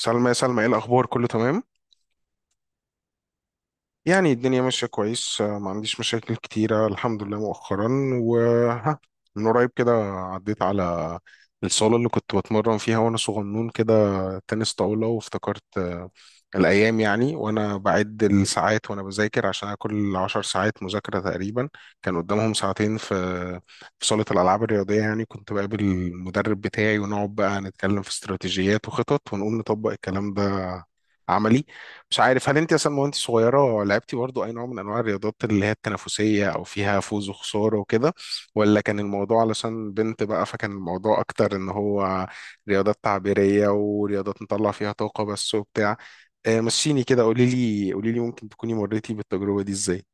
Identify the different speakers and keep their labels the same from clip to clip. Speaker 1: سلمى يا سلمى، ايه الاخبار؟ كله تمام؟ يعني الدنيا ماشيه كويس، ما عنديش مشاكل كتيره الحمد لله مؤخرا. وها، من قريب كده عديت على الصاله اللي كنت بتمرن فيها وانا صغنون كده، تنس طاوله، وافتكرت الايام. يعني وانا بعد الساعات وانا بذاكر، عشان أنا كل 10 ساعات مذاكره تقريبا كان قدامهم ساعتين في صاله الالعاب الرياضيه. يعني كنت بقابل المدرب بتاعي ونقعد بقى نتكلم في استراتيجيات وخطط، ونقوم نطبق الكلام ده عملي. مش عارف هل انت اصلا وانت صغيره لعبتي برضو اي نوع من انواع الرياضات اللي هي التنافسيه، او فيها فوز وخساره وكده، ولا كان الموضوع علشان بنت بقى، فكان الموضوع اكتر ان هو رياضات تعبيريه ورياضات نطلع فيها طاقه بس وبتاع. مشيني كده، قولي لي قولي لي، ممكن تكوني مريتي بالتجربه دي ازاي؟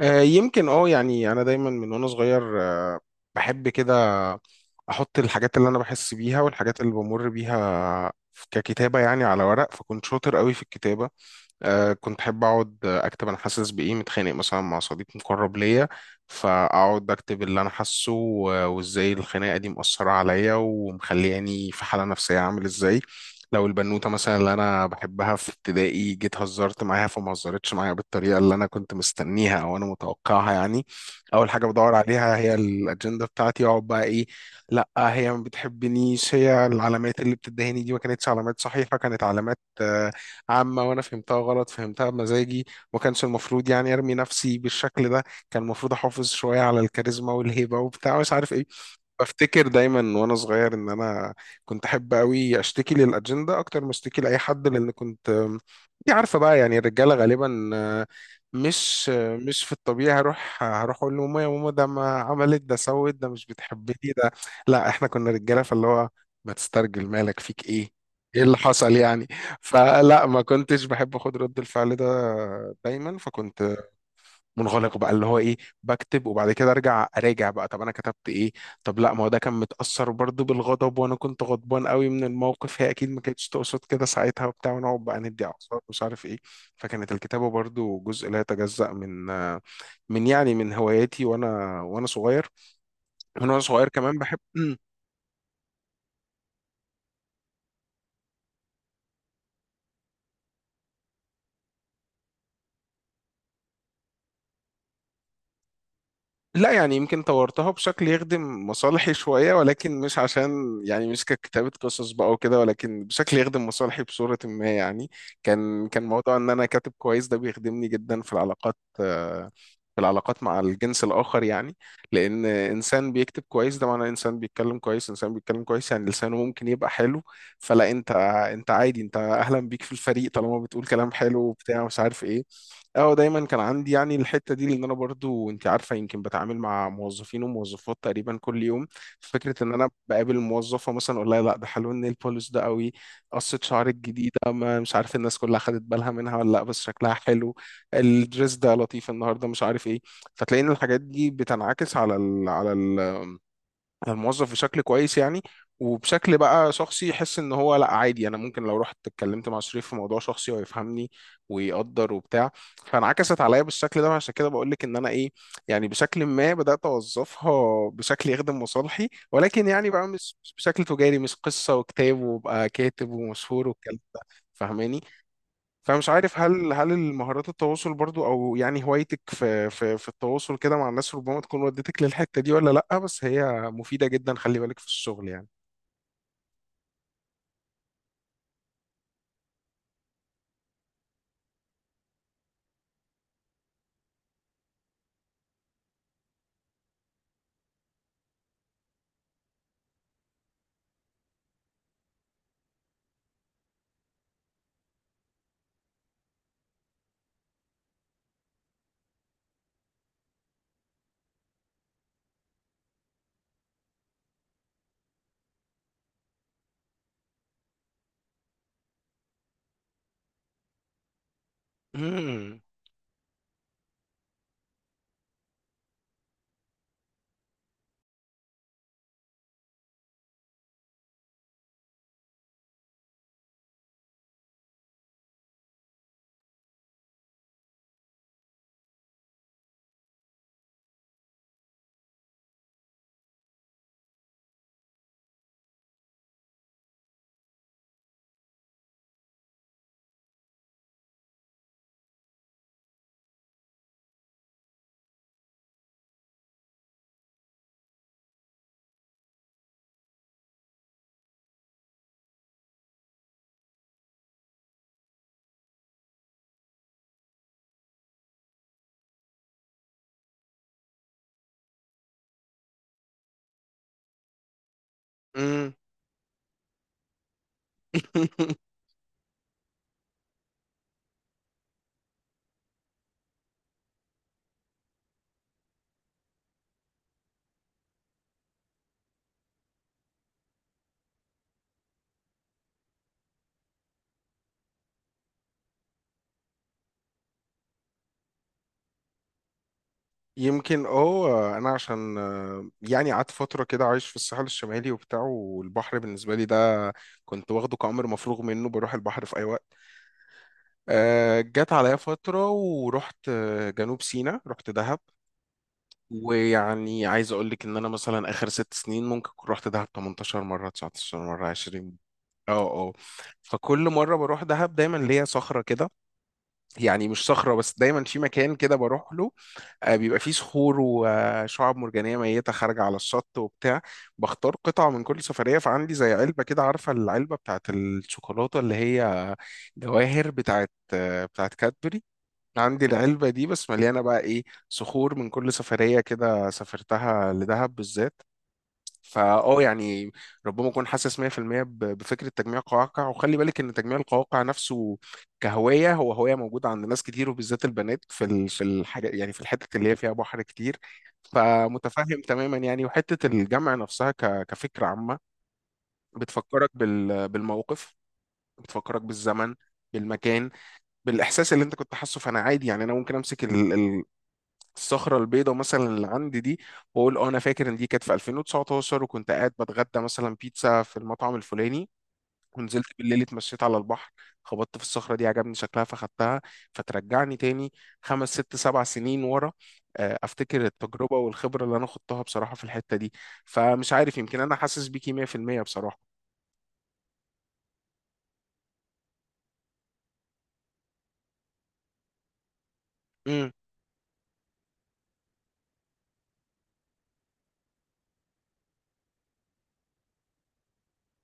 Speaker 1: يمكن يعني انا دايما من وانا صغير، بحب كده احط الحاجات اللي انا بحس بيها والحاجات اللي بمر بيها ككتابة يعني على ورق، فكنت شاطر قوي في الكتابة. كنت احب اقعد اكتب انا حاسس بايه، متخانق مثلا مع صديق مقرب ليا، فاقعد اكتب اللي انا حاسه وازاي الخناقه دي مؤثره عليا ومخلياني في حاله نفسيه عامل ازاي. لو البنوته مثلا اللي انا بحبها في ابتدائي جيت هزرت معاها فما هزرتش معايا بالطريقه اللي انا كنت مستنيها او انا متوقعها، يعني اول حاجه بدور عليها هي الاجنده بتاعتي. اقعد بقى ايه، لا هي ما بتحبنيش، هي العلامات اللي بتدهني دي ما كانتش علامات صحيحه، كانت علامات عامة وأنا فهمتها غلط، فهمتها بمزاجي. ما كانش المفروض يعني أرمي نفسي بالشكل ده، كان المفروض أحافظ شوية على الكاريزما والهيبة وبتاع مش عارف إيه. بفتكر دايما وانا صغير ان انا كنت احب قوي اشتكي للاجنده اكتر ما اشتكي لاي حد، لان كنت انت عارفه بقى يعني الرجاله غالبا، مش في الطبيعي، هروح اقول لماما يا ماما، ده ما عملت ده، سوت ده، مش بتحبني ده. لا، احنا كنا رجاله، فاللي هو ما تسترجل، مالك فيك ايه؟ ايه اللي حصل يعني؟ فلا، ما كنتش بحب اخد رد الفعل ده، دايما فكنت منغلق بقى اللي هو ايه، بكتب وبعد كده ارجع اراجع بقى طب انا كتبت ايه. طب لا، ما هو ده كان متأثر برضو بالغضب، وانا كنت غضبان قوي من الموقف، هي اكيد ما كانتش تقصد كده ساعتها وبتاع، ونقعد بقى ندي اعصاب مش عارف ايه. فكانت الكتابة برضو جزء لا يتجزأ من يعني من هواياتي وانا صغير. من وانا صغير كمان بحب لا يعني يمكن طورتها بشكل يخدم مصالحي شوية، ولكن مش عشان يعني مش ككتابة قصص بقى وكده، ولكن بشكل يخدم مصالحي بصورة ما. يعني كان كان موضوع ان انا كاتب كويس ده بيخدمني جدا في العلاقات، في العلاقات مع الجنس الآخر يعني. لأن إنسان بيكتب كويس ده معناه إنسان بيتكلم كويس، إنسان بيتكلم كويس يعني لسانه ممكن يبقى حلو. فلا أنت، أنت عادي، أنت أهلا بيك في الفريق طالما بتقول كلام حلو وبتاع مش عارف إيه. اه دايما كان عندي يعني الحته دي، لان انا برضو انت عارفه يمكن بتعامل مع موظفين وموظفات تقريبا كل يوم. فكره ان انا بقابل موظفه مثلا اقول لها لا ده حلو، النيل بوليش ده قوي، قصه شعرك الجديده، ما مش عارف الناس كلها خدت بالها منها ولا لا بس شكلها حلو، الدريس ده لطيف النهارده مش عارف ايه. فتلاقي ان الحاجات دي بتنعكس على ال الموظف بشكل كويس يعني، وبشكل بقى شخصي يحس ان هو لا عادي، انا ممكن لو رحت اتكلمت مع شريف في موضوع شخصي هو يفهمني ويقدر وبتاع. فانعكست عليا بالشكل ده، عشان كده بقول لك ان انا ايه، يعني بشكل ما بدات اوظفها بشكل يخدم مصالحي، ولكن يعني بقى مش بشكل تجاري، مش قصه وكتاب وابقى كاتب ومشهور والكلام ده. فاهماني؟ فمش عارف هل المهارات التواصل برضو، او يعني هوايتك في التواصل كده مع الناس ربما تكون ودتك للحتة دي، ولا لأ، بس هي مفيدة جدا، خلي بالك في الشغل يعني. مم. مم. يمكن اه، انا عشان يعني قعدت فتره كده عايش في الساحل الشمالي وبتاع، والبحر بالنسبه لي ده كنت واخده كأمر مفروغ منه، بروح البحر في اي وقت. جت عليا فتره ورحت جنوب سيناء، رحت دهب. ويعني عايز اقول لك ان انا مثلا اخر 6 سنين ممكن كنت رحت دهب 18 مره، 19 مره، 20. اه اه. فكل مره بروح دهب دايما ليا صخره كده، يعني مش صخره بس، دايما في مكان كده بروح له، بيبقى فيه صخور وشعاب مرجانيه ميته خارجه على الشط وبتاع. بختار قطعه من كل سفريه، فعندي زي علبه كده، عارفه العلبه بتاعت الشوكولاته اللي هي جواهر بتاعت بتاعت كادبري. عندي العلبة دي بس مليانة بقى إيه، صخور من كل سفرية كده سافرتها لدهب بالذات. فأه يعني ربما أكون حاسس 100% بفكرة تجميع القواقع، وخلي بالك إن تجميع القواقع نفسه كهواية هو هواية موجودة عند ناس كتير، وبالذات البنات في الحاجة يعني في الحتة اللي هي فيها بحر كتير. فمتفهم تماما يعني، وحتة الجمع نفسها كفكرة عامة بتفكرك بالموقف، بتفكرك بالزمن، بالمكان، بالإحساس اللي أنت كنت حاسه. فأنا عادي يعني، أنا ممكن أمسك الصخرة البيضاء مثلا اللي عندي دي، واقول اه انا فاكر ان دي كانت في 2019، وكنت قاعد بتغدى مثلا بيتزا في المطعم الفلاني، ونزلت بالليل اتمشيت على البحر، خبطت في الصخرة دي عجبني شكلها فخدتها. فترجعني تاني 5 6 7 سنين ورا، افتكر التجربة والخبرة اللي انا خضتها بصراحة في الحتة دي. فمش عارف، يمكن انا حاسس بيكي 100% بصراحة.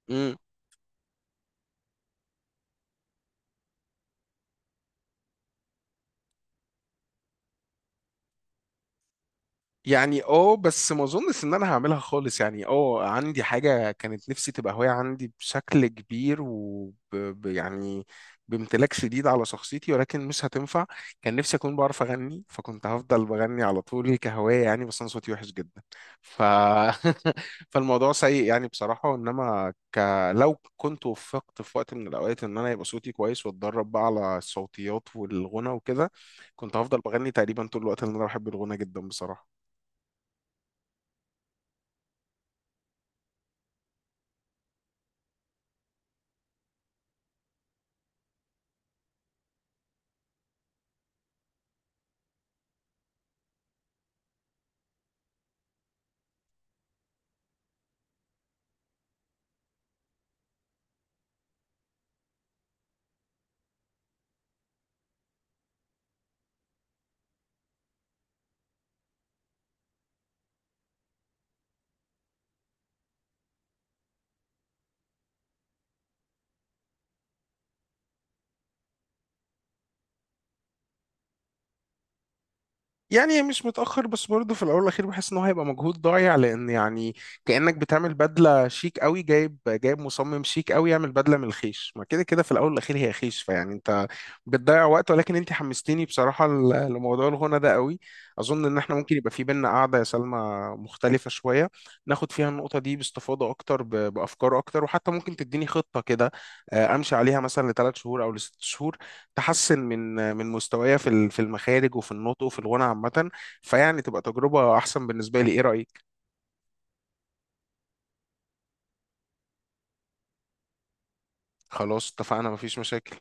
Speaker 1: امم، يعني اه، بس ما اظنش ان انا هعملها خالص. يعني اه عندي حاجة كانت نفسي تبقى هواية عندي بشكل كبير، و يعني بامتلاك شديد على شخصيتي، ولكن مش هتنفع. كان نفسي اكون بعرف اغني، فكنت هفضل بغني على طول كهواية يعني، بس انا صوتي وحش جدا. ف فالموضوع سيء يعني بصراحة، انما لو كنت وفقت في وقت من الاوقات ان انا يبقى صوتي كويس واتدرب بقى على الصوتيات والغنى وكده، كنت هفضل بغني تقريبا طول الوقت، لان انا بحب الغنى جدا بصراحة. يعني مش متأخر، بس برضه في الأول والأخير بحس إن هو هيبقى مجهود ضايع، لأن يعني كأنك بتعمل بدلة شيك قوي، جايب مصمم شيك قوي يعمل بدلة من الخيش، ما كده كده في الأول والأخير هي خيش. فيعني أنت بتضيع وقت. ولكن أنت حمستيني بصراحة لموضوع الغنى ده قوي. أظن إن إحنا ممكن يبقى في بينا قعدة يا سلمى مختلفة شوية، ناخد فيها النقطة دي باستفاضة أكتر بأفكار أكتر، وحتى ممكن تديني خطة كده أمشي عليها مثلا ل3 شهور أو ل6 شهور، تحسن من من مستوايا في المخارج وفي النطق وفي الغنى عامة. فيعني تبقى تجربة أحسن بالنسبة لي، إيه رأيك؟ خلاص اتفقنا، مفيش مشاكل.